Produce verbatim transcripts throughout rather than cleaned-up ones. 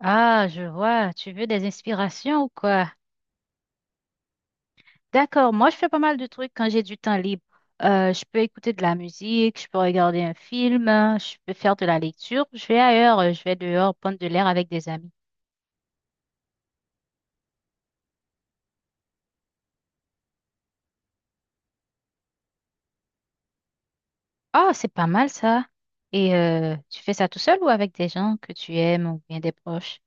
Ah, je vois. Tu veux des inspirations ou quoi? D'accord. Moi, je fais pas mal de trucs quand j'ai du temps libre. Euh, je peux écouter de la musique, je peux regarder un film, hein, je peux faire de la lecture. Je vais ailleurs, euh, je vais dehors prendre de l'air avec des amis. Ah, c'est pas mal ça. Et euh, tu fais ça tout seul ou avec des gens que tu aimes ou bien des proches?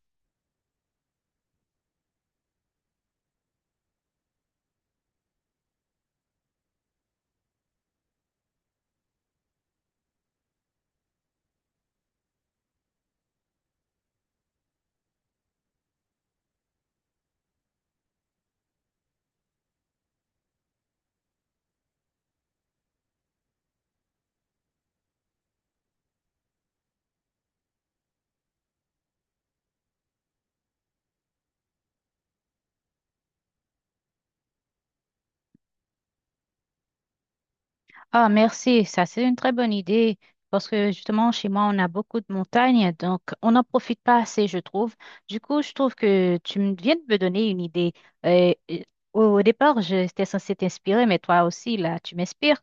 Ah, merci. Ça, c'est une très bonne idée parce que justement, chez moi, on a beaucoup de montagnes, donc on n'en profite pas assez, je trouve. Du coup, je trouve que tu me- viens de me donner une idée. Euh, euh, au, au départ, j'étais censée t'inspirer, mais toi aussi, là, tu m'inspires.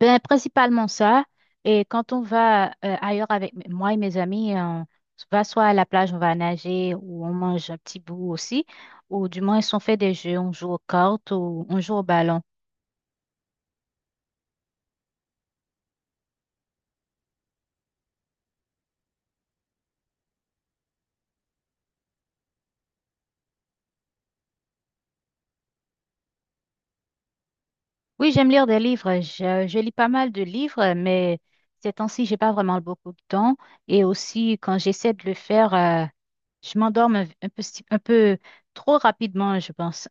Ben, principalement ça. Et quand on va euh, ailleurs avec m- moi et mes amis, on va soit à la plage, on va nager ou on mange un petit bout aussi. Ou du moins, si on fait des jeux, on joue aux cartes ou on joue au ballon. Oui, j'aime lire des livres. Je, je lis pas mal de livres, mais ces temps-ci, j'ai pas vraiment beaucoup de temps. Et aussi, quand j'essaie de le faire, euh, je m'endorme un, un peu, sti- un peu trop rapidement, je pense.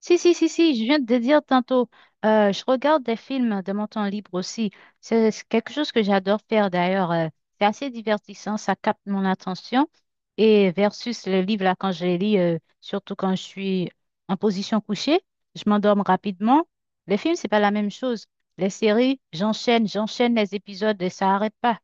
Si, si, si, si, je viens de te dire tantôt, euh, je regarde des films de mon temps libre aussi. C'est c'est quelque chose que j'adore faire d'ailleurs. Euh, c'est assez divertissant, ça capte mon attention. Et versus le livre, là, quand je les lis, euh, surtout quand je suis en position couchée, je m'endorme rapidement. Les films, c'est pas la même chose. Les séries, j'enchaîne, j'enchaîne les épisodes et ça arrête pas.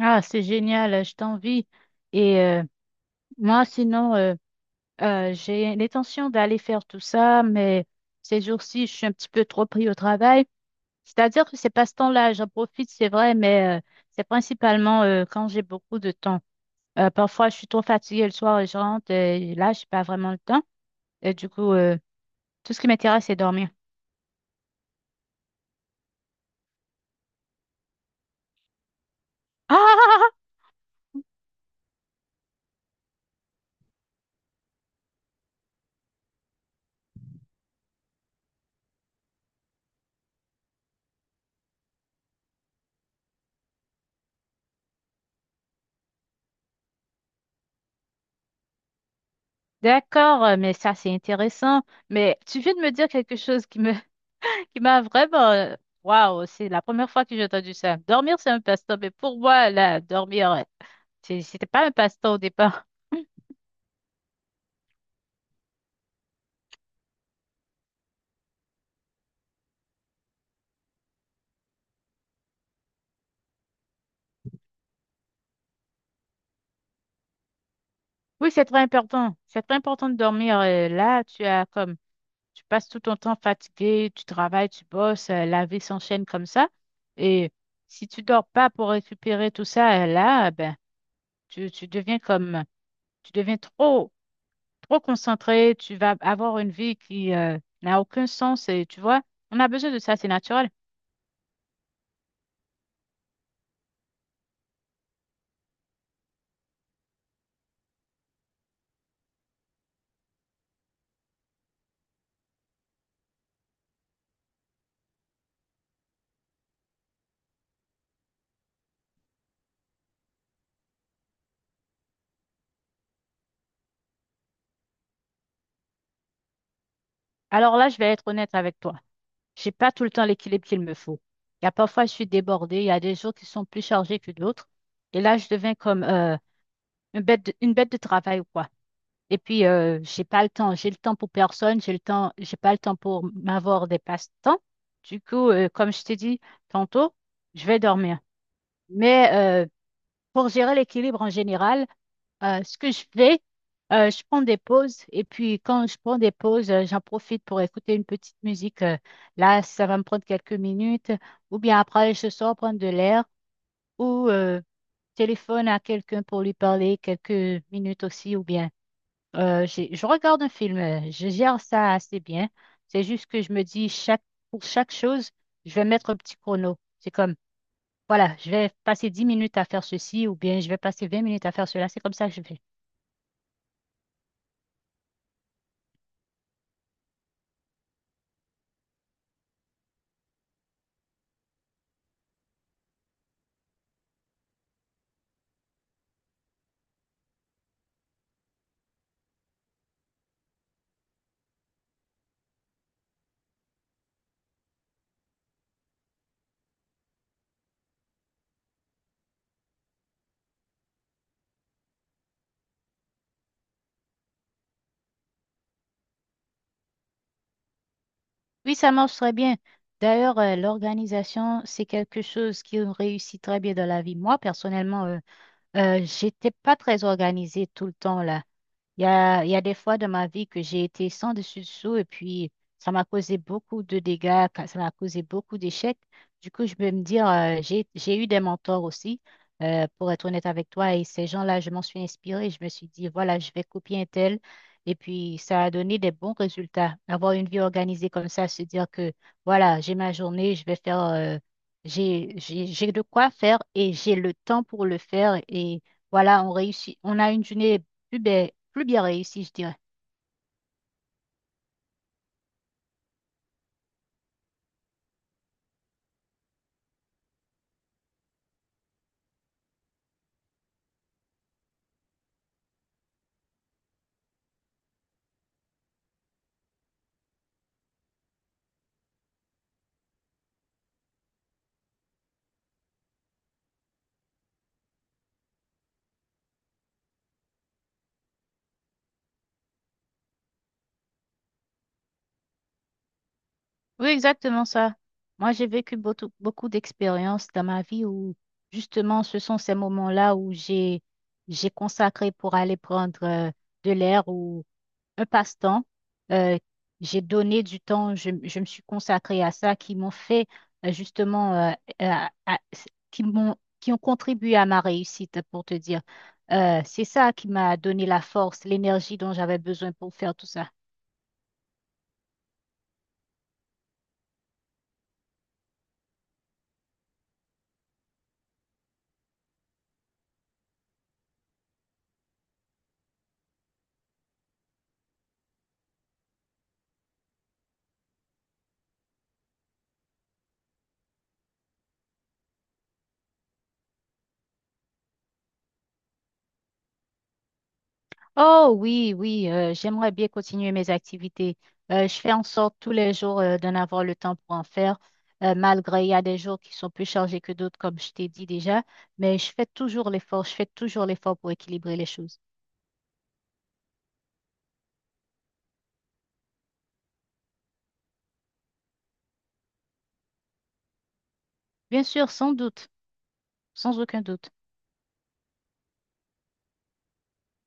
Ah, c'est génial, je t'envie. Et euh, moi, sinon, euh, Euh, j'ai l'intention d'aller faire tout ça, mais ces jours-ci, je suis un petit peu trop pris au travail. C'est-à-dire que ces passe-temps-là, j'en profite, c'est vrai, mais euh, c'est principalement euh, quand j'ai beaucoup de temps. Euh, parfois, je suis trop fatiguée le soir et je rentre, et là, je n'ai pas vraiment le temps. Et du coup, euh, tout ce qui m'intéresse, c'est dormir. Ah, d'accord, euh, mais ça, c'est intéressant. Mais tu viens de me dire quelque chose qui me, qui m'a vraiment... euh, Waouh, c'est la première fois que j'ai entendu ça. Dormir, c'est un passe-temps, mais pour moi, là, dormir... C'est- C'était pas un passe-temps au départ. Oui, c'est très important. C'est très important de dormir. euh, Là, tu as comme tu passes tout ton temps fatigué, tu travailles, tu bosses, euh, la vie s'enchaîne comme ça. Et si tu dors pas pour récupérer tout ça, euh, là, ben, tu, tu deviens comme tu deviens trop trop concentré. Tu vas avoir une vie qui euh, n'a aucun sens. Et tu vois, on a besoin de ça, c'est naturel. Alors là, je vais être honnête avec toi. J'ai pas tout le temps l'équilibre qu'il me faut. Il y a parfois, je suis débordée. Il y a des jours qui sont plus chargés que d'autres. Et là, je deviens comme euh, une bête de, une bête de travail ou quoi. Et puis, euh, j'ai pas le temps. J'ai le temps pour personne. J'ai le temps. J'ai pas le temps pour m'avoir des passe-temps. Du coup, euh, comme je t'ai dit tantôt, je vais dormir. Mais euh, pour gérer l'équilibre en général, euh, ce que je fais, euh, je prends des pauses et puis quand je prends des pauses, euh, j'en profite pour écouter une petite musique. Euh, là, ça va me prendre quelques minutes ou bien après, je sors prendre de l'air ou euh, téléphone à quelqu'un pour lui parler quelques minutes aussi ou bien euh, j'ai- je regarde un film. euh, Je gère ça assez bien. C'est juste que je me dis chaque, pour chaque chose, je vais mettre un petit chrono. C'est comme voilà, je vais passer dix minutes à faire ceci ou bien je vais passer vingt minutes à faire cela. C'est comme ça que je fais. Oui, ça marche très bien. D'ailleurs, euh, l'organisation, c'est quelque chose qui réussit très bien dans la vie. Moi, personnellement, euh, euh, j'étais pas très organisée tout le temps là. Il y a, il y a des fois dans ma vie que j'ai été sans dessus dessous et puis ça m'a causé beaucoup de dégâts, ca- ça m'a causé beaucoup d'échecs. Du coup, je peux me dire, euh, j'ai, j'ai eu des mentors aussi, euh, pour être honnête avec toi, et ces gens-là, je m'en suis inspirée. Je me suis dit, voilà, je vais copier un tel. Et puis, ça a donné des bons résultats. Avoir une vie organisée comme ça, se dire que, voilà, j'ai ma journée, je vais faire, euh, j'ai, j'ai, j'ai de quoi faire et j'ai le temps pour le faire. Et voilà, on réussit, on a une journée plus bien, plus bien réussi, je dirais. Oui, exactement ça. Moi, j'ai vécu beaucoup, beaucoup d'expériences dans ma vie où, justement, ce sont ces moments-là où j'ai, j'ai consacré pour aller prendre euh, de l'air ou un passe-temps. Euh, j'ai donné du temps, je, je me suis consacrée à ça, qui m'ont fait euh, justement, euh, à- à- qui m'ont, qui ont contribué à ma réussite, pour te dire. Euh, c'est ça qui m'a donné la force, l'énergie dont j'avais besoin pour faire tout ça. Oh oui, oui, euh, j'aimerais bien continuer mes activités. Euh, je fais en sorte tous les jours euh, d'en avoir le temps pour en faire, euh, malgré il y a des jours qui sont plus chargés que d'autres, comme je t'ai dit déjà, mais je fais toujours l'effort, je fais toujours l'effort pour équilibrer les choses. Bien sûr, sans doute, sans aucun doute.